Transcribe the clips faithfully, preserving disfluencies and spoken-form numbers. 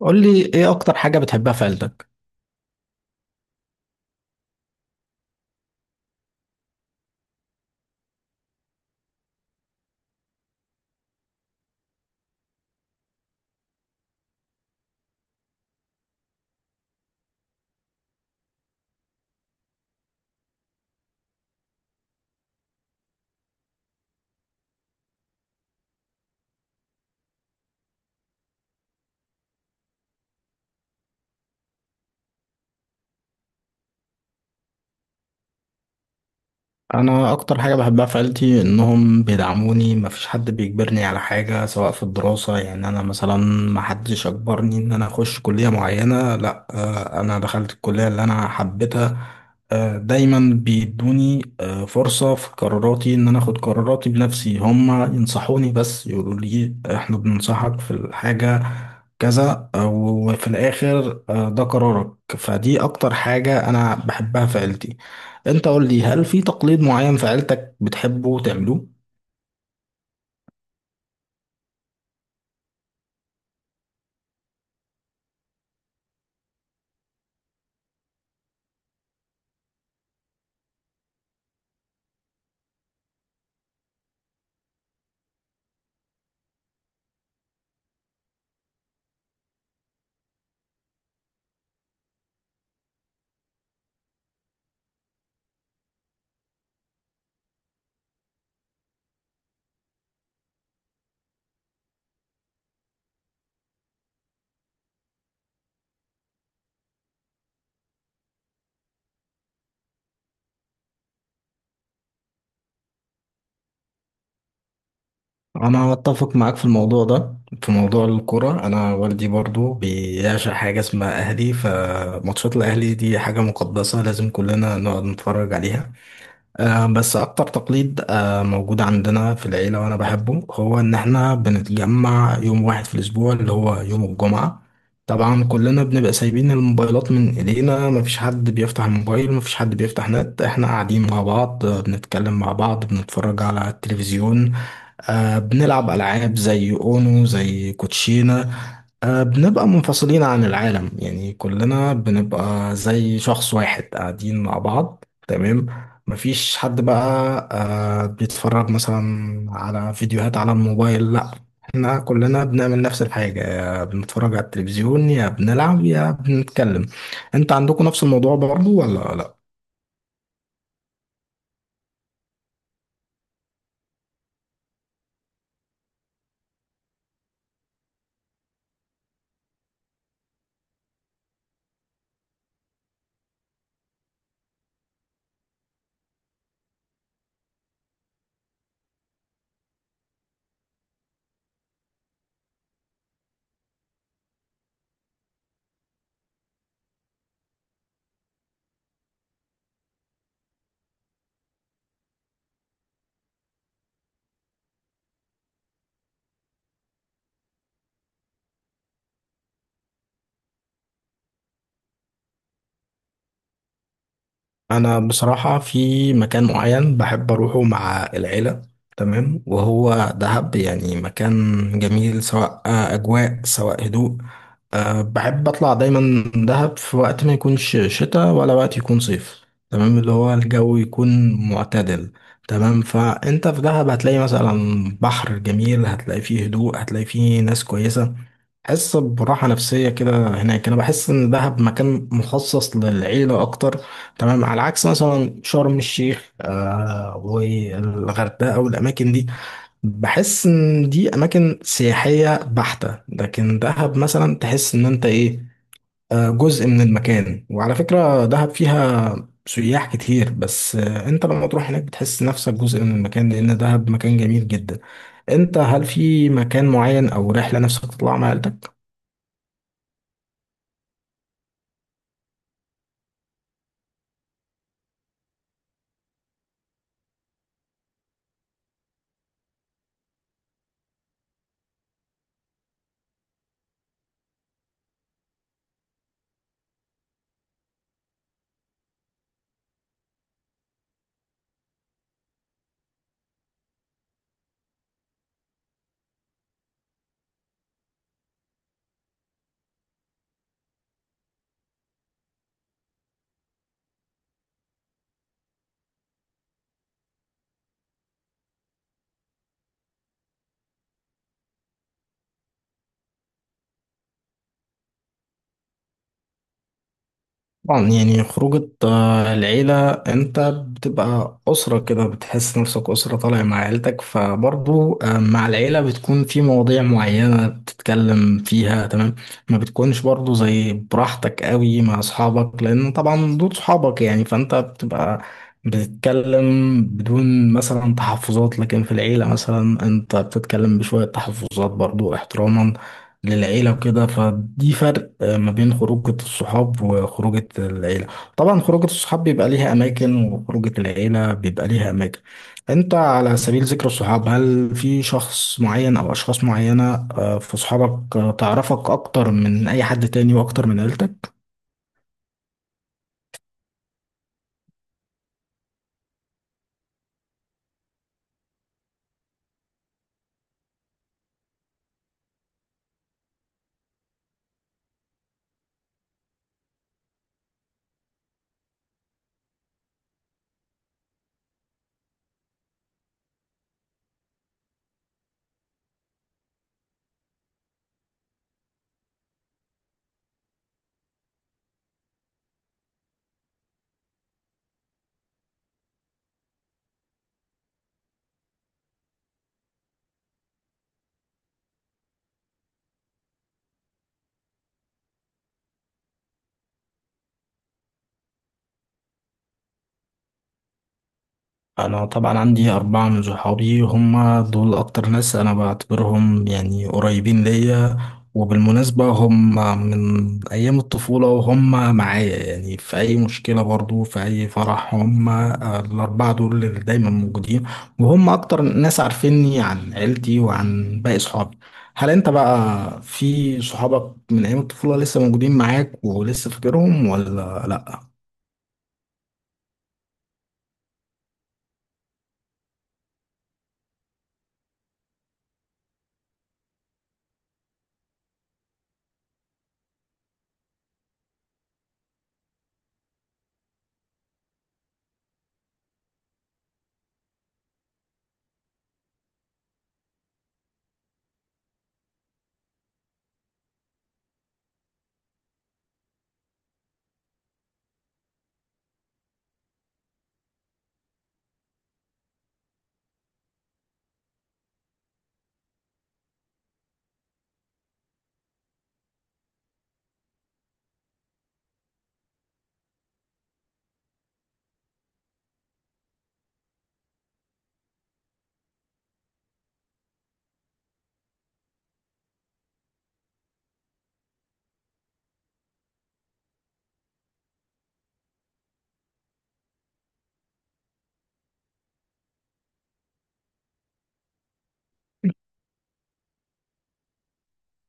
قول لي ايه اكتر حاجة بتحبها في عيلتك؟ انا اكتر حاجه بحبها في عيلتي انهم بيدعموني. مفيش حد بيجبرني على حاجه سواء في الدراسه. يعني انا مثلا محدش اجبرني ان انا اخش كليه معينه، لا. آه، انا دخلت الكليه اللي انا حبيتها. آه، دايما بيدوني آه، فرصه في قراراتي ان انا اخد قراراتي بنفسي. هم ينصحوني بس يقولوا لي آه، احنا بننصحك في الحاجه كذا، آه، وفي الاخر آه، ده قرارك. فدي اكتر حاجه انا بحبها في عيلتي. انت قول لي، هل في تقليد معين في عيلتك بتحبه تعملوه؟ انا اتفق معاك في الموضوع ده، في موضوع الكرة. انا والدي برضو بيعشق حاجة اسمها اهلي، فماتشات الاهلي دي حاجة مقدسة لازم كلنا نقعد نتفرج عليها. آه، بس أكتر تقليد آه، موجود عندنا في العيلة وأنا بحبه هو إن إحنا بنتجمع يوم واحد في الأسبوع اللي هو يوم الجمعة. طبعا كلنا بنبقى سايبين الموبايلات من إيدينا، مفيش حد بيفتح الموبايل، مفيش حد بيفتح نت. إحنا قاعدين مع بعض، آه، بنتكلم مع بعض، بنتفرج على التلفزيون، آه، بنلعب ألعاب زي أونو، زي كوتشينة. آه، بنبقى منفصلين عن العالم، يعني كلنا بنبقى زي شخص واحد قاعدين مع بعض. تمام، مفيش حد بقى آه، بيتفرج مثلا على فيديوهات على الموبايل، لا. احنا كلنا بنعمل نفس الحاجة، يا بنتفرج على التلفزيون يا بنلعب يا بنتكلم. انت عندكم نفس الموضوع برضو ولا لا؟ انا بصراحه في مكان معين بحب اروحه مع العيله، تمام، وهو دهب. يعني مكان جميل سواء آه، اجواء سواء هدوء. أه، بحب اطلع دايما دهب في وقت ما يكونش شتاء ولا وقت يكون صيف، تمام، اللي هو الجو يكون معتدل. تمام، فانت في دهب هتلاقي مثلا بحر جميل، هتلاقي فيه هدوء، هتلاقي فيه ناس كويسه. حس براحه نفسيه كده هناك. انا بحس ان دهب مكان مخصص للعيله اكتر، تمام، على عكس مثلا شرم الشيخ آه والغردقه والاماكن دي. بحس ان دي اماكن سياحيه بحته، لكن دهب مثلا تحس ان انت ايه، آه، جزء من المكان. وعلى فكره دهب فيها سياح كتير بس آه انت لما تروح هناك بتحس نفسك جزء من المكان لان دهب مكان جميل جدا. انت هل في مكان معين او رحله نفسك تطلع مع عيلتك؟ طبعا، يعني خروجة آه، العيلة انت بتبقى أسرة كده، بتحس نفسك أسرة طالع مع عيلتك. فبرضو آه، مع العيلة بتكون في مواضيع معينة بتتكلم فيها، تمام، ما بتكونش برضو زي براحتك قوي مع أصحابك، لأن طبعا دول صحابك يعني. فانت بتبقى بتتكلم بدون مثلا تحفظات، لكن في العيلة مثلا انت بتتكلم بشوية تحفظات برضو احتراما للعيلة وكده. فدي فرق آه، ما بين خروجة الصحاب وخروجة العيلة. طبعا خروجة الصحاب بيبقى ليها أماكن وخروجة العيلة بيبقى ليها أماكن. أنت على سبيل ذكر الصحاب، هل في شخص معين أو أشخاص معينة آه، في صحابك آه، تعرفك أكتر من أي حد تاني وأكتر من عيلتك؟ انا طبعا عندي اربعة من صحابي، هم دول اكتر ناس انا بعتبرهم يعني قريبين ليا. وبالمناسبة هم من ايام الطفولة وهم معايا يعني في اي مشكلة، برضو في اي فرح، هم آه، الاربعة دول اللي دايما موجودين. وهم اكتر ناس عارفيني عن عيلتي وعن باقي صحابي. هل انت بقى في صحابك من ايام الطفولة لسه موجودين معاك ولسه فاكرهم ولا لا؟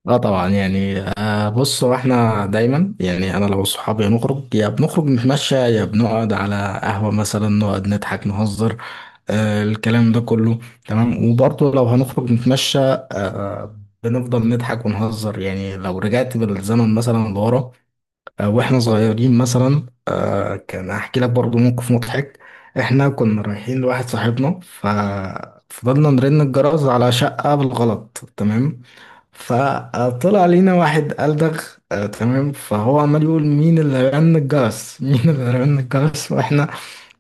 اه طبعا. يعني آه بص، هو احنا دايما، يعني انا لو صحابي نخرج، يا بنخرج نتمشى يا بنقعد على قهوة مثلا، نقعد نضحك نهزر آه الكلام ده كله. تمام، وبرضه لو هنخرج نتمشى آه بنفضل نضحك ونهزر. يعني لو رجعت بالزمن مثلا لورا آه واحنا صغيرين مثلا، آه كان احكي لك برضه موقف مضحك. احنا كنا رايحين لواحد صاحبنا ففضلنا نرن الجرس على شقة بالغلط، تمام، فطلع لينا واحد ألدغ آه، تمام. فهو عمال يقول مين اللي رن الجرس مين اللي رن الجرس، واحنا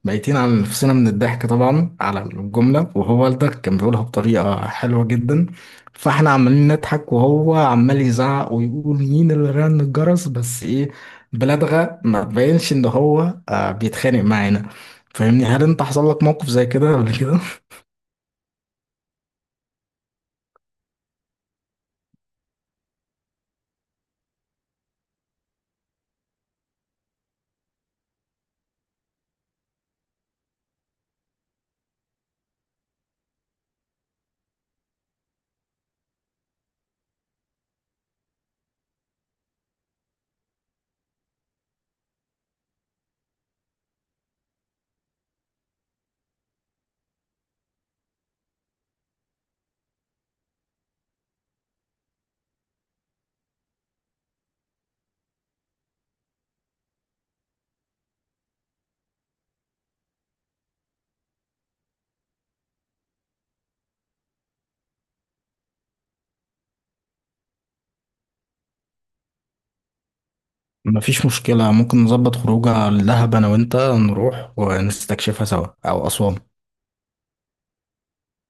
بايتين على نفسنا من الضحك طبعا على الجملة، وهو ألدغ كان بيقولها بطريقة حلوة جدا. فاحنا عمالين نضحك وهو عمال يزعق ويقول مين اللي رن الجرس، بس ايه، بلدغة ما تبينش ان هو آه، بيتخانق معانا. فاهمني؟ هل انت حصل لك موقف زي كده قبل؟ مفيش مشكلة، ممكن نظبط خروجه لدهب أنا وأنت، نروح ونستكشفها سوا، أو أسوان.